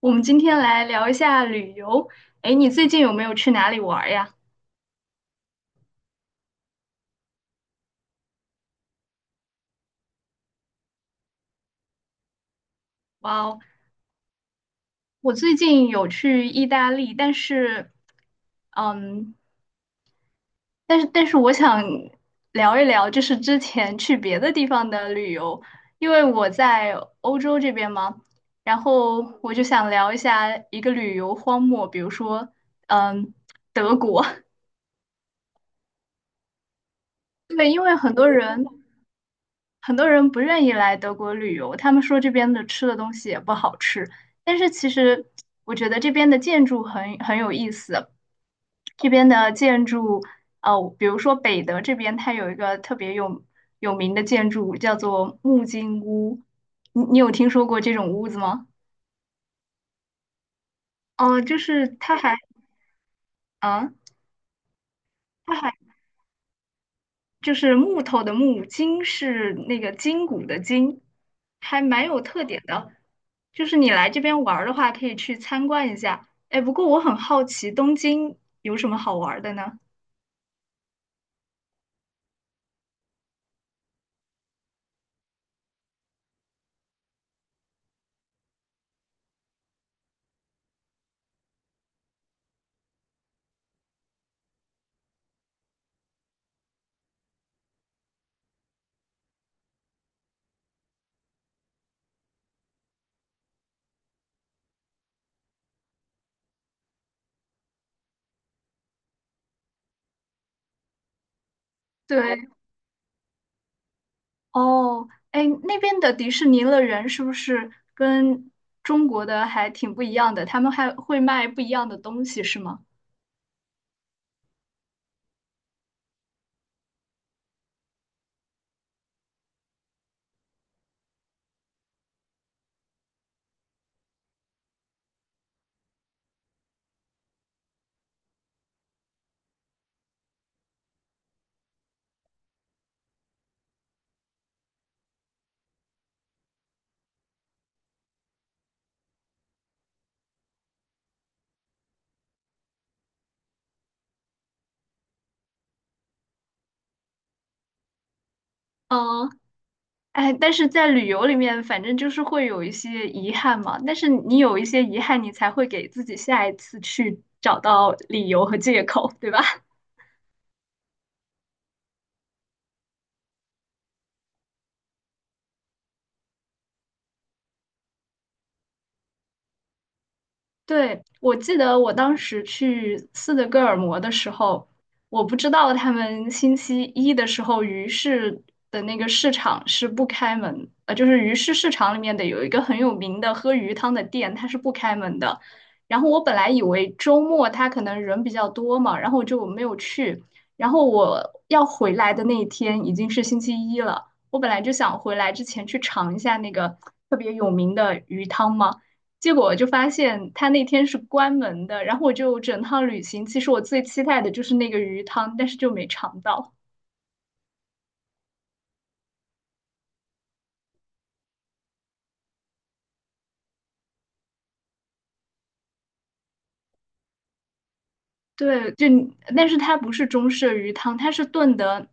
我们今天来聊一下旅游。哎，你最近有没有去哪里玩儿呀？哇哦，我最近有去意大利，但是，嗯，但是我想聊一聊，就是之前去别的地方的旅游，因为我在欧洲这边嘛，然后我就想聊一下一个旅游荒漠，比如说，嗯，德国。对，因为很多人。很多人不愿意来德国旅游，他们说这边的吃的东西也不好吃。但是其实我觉得这边的建筑很有意思，这边的建筑，比如说北德这边，它有一个特别有名的建筑叫做木金屋，你有听说过这种屋子吗？哦、就是它还，啊，它还。就是木头的木，筋是那个筋骨的筋，还蛮有特点的。就是你来这边玩儿的话，可以去参观一下。哎，不过我很好奇，东京有什么好玩儿的呢？对，哦，哎，那边的迪士尼乐园是不是跟中国的还挺不一样的？他们还会卖不一样的东西，是吗？嗯。哎，但是在旅游里面，反正就是会有一些遗憾嘛。但是你有一些遗憾，你才会给自己下一次去找到理由和借口，对吧？对，我记得我当时去斯德哥尔摩的时候，我不知道他们星期一的时候鱼市的那个市场是不开门，就是鱼市市场里面的有一个很有名的喝鱼汤的店，它是不开门的。然后我本来以为周末它可能人比较多嘛，然后我就没有去。然后我要回来的那一天已经是星期一了，我本来就想回来之前去尝一下那个特别有名的鱼汤嘛。结果我就发现他那天是关门的，然后我就整趟旅行，其实我最期待的就是那个鱼汤，但是就没尝到。对，就但是它不是中式鱼汤，它是炖的，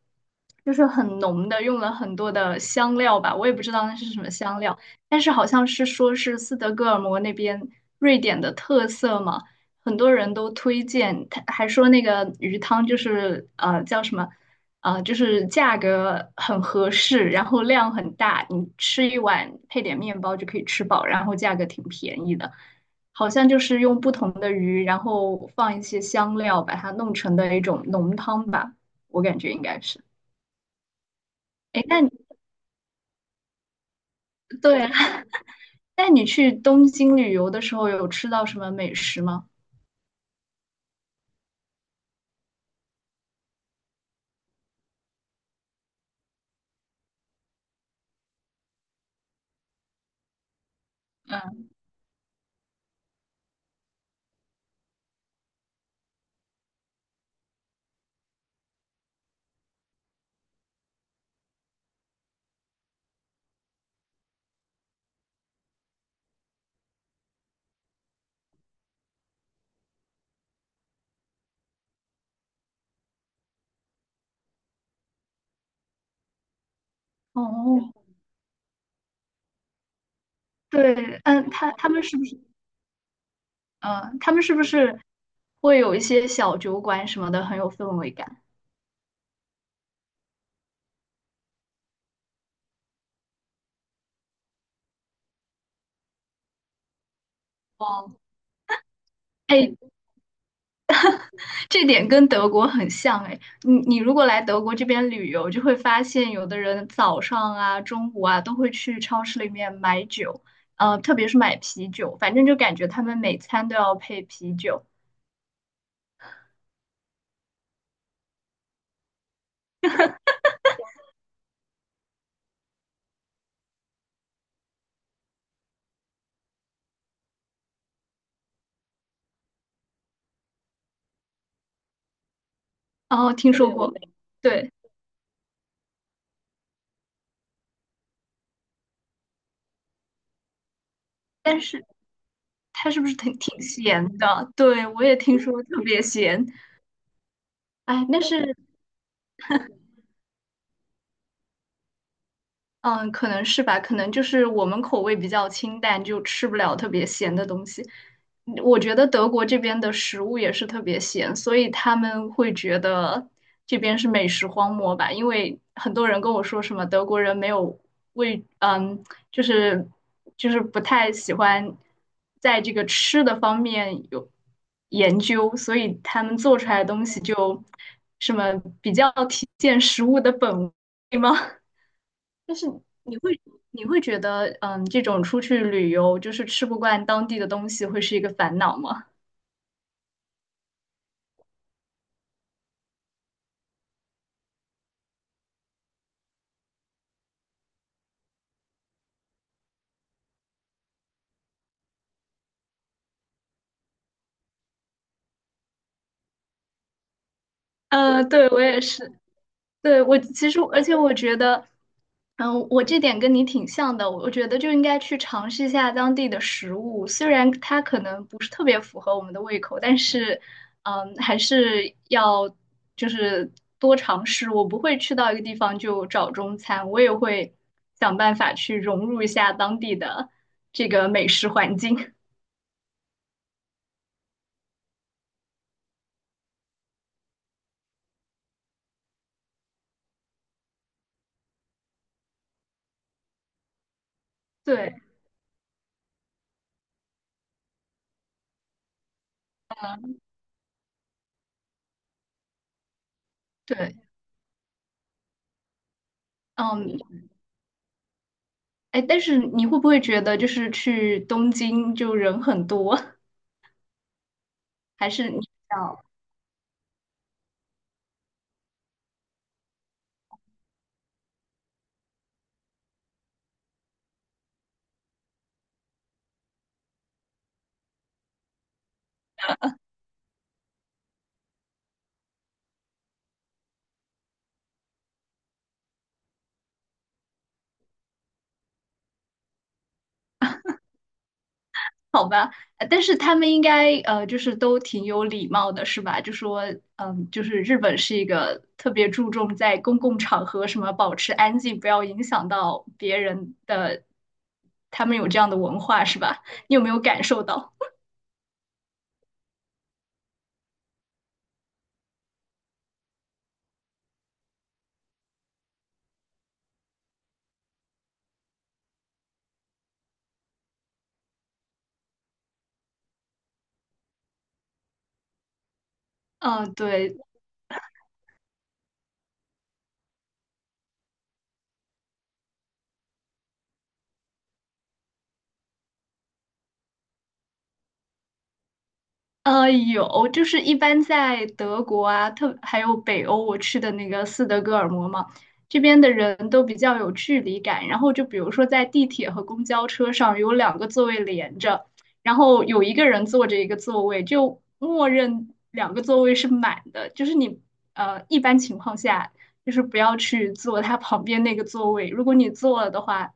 就是很浓的，用了很多的香料吧，我也不知道那是什么香料，但是好像是说是斯德哥尔摩那边瑞典的特色嘛，很多人都推荐，他还说那个鱼汤就是叫什么，就是价格很合适，然后量很大，你吃一碗配点面包就可以吃饱，然后价格挺便宜的。好像就是用不同的鱼，然后放一些香料，把它弄成的一种浓汤吧，我感觉应该是。哎，那你对，那你去东京旅游的时候有吃到什么美食吗？嗯，哦，对，他们是不是会有一些小酒馆什么的，很有氛围感？哦，哎，这点跟德国很像哎，你如果来德国这边旅游，就会发现有的人早上啊、中午啊都会去超市里面买酒，特别是买啤酒，反正就感觉他们每餐都要配啤酒。哦，听说对我过，没对，但是它是不是挺咸的？对，我也听说特别咸。哎，那是嗯，可能是吧，可能就是我们口味比较清淡，就吃不了特别咸的东西。我觉得德国这边的食物也是特别咸，所以他们会觉得这边是美食荒漠吧？因为很多人跟我说什么德国人没有味，就是就是不太喜欢在这个吃的方面有研究，所以他们做出来的东西就什么比较体现食物的本味吗？就是你会你会觉得，这种出去旅游就是吃不惯当地的东西，会是一个烦恼吗？对，我也是，对，我其实，而且我觉得，我这点跟你挺像的，我觉得就应该去尝试一下当地的食物，虽然它可能不是特别符合我们的胃口，但是，还是要就是多尝试。我不会去到一个地方就找中餐，我也会想办法去融入一下当地的这个美食环境。对对，嗯，哎，但是你会不会觉得就是去东京就人很多，还是你比较好吧？但是他们应该就是都挺有礼貌的，是吧？就说就是日本是一个特别注重在公共场合什么保持安静，不要影响到别人的，他们有这样的文化，是吧？你有没有感受到？嗯，对，有，就是一般在德国啊，特还有北欧，我去的那个斯德哥尔摩嘛，这边的人都比较有距离感。然后就比如说在地铁和公交车上有两个座位连着，然后有一个人坐着一个座位，就默认两个座位是满的。就是你一般情况下就是不要去坐他旁边那个座位，如果你坐了的话，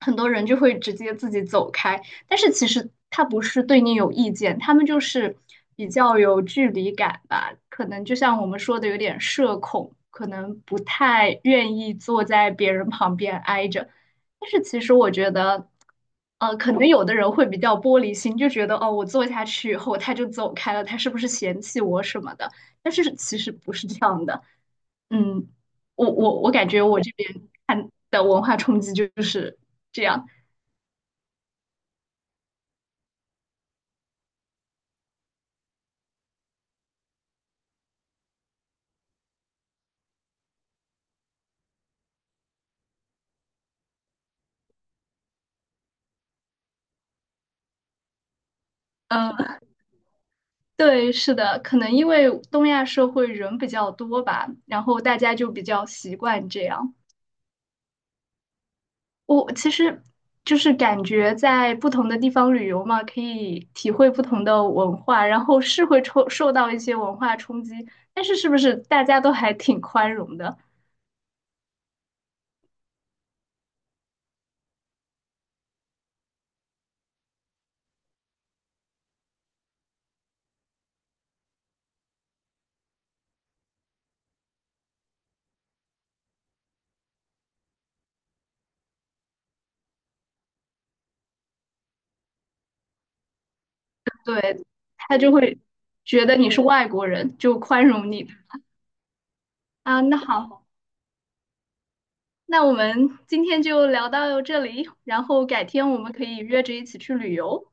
很多人就会直接自己走开。但是其实他不是对你有意见，他们就是比较有距离感吧，可能就像我们说的有点社恐，可能不太愿意坐在别人旁边挨着。但是其实我觉得，可能有的人会比较玻璃心，就觉得哦，我坐下去以后他就走开了，他是不是嫌弃我什么的？但是其实不是这样的，嗯，我感觉我这边看的文化冲击就是这样，嗯。对，是的，可能因为东亚社会人比较多吧，然后大家就比较习惯这样。我其实就是感觉在不同的地方旅游嘛，可以体会不同的文化，然后是会受到一些文化冲击，但是是不是大家都还挺宽容的？对，他就会觉得你是外国人，就宽容你啊。那好，那我们今天就聊到这里，然后改天我们可以约着一起去旅游。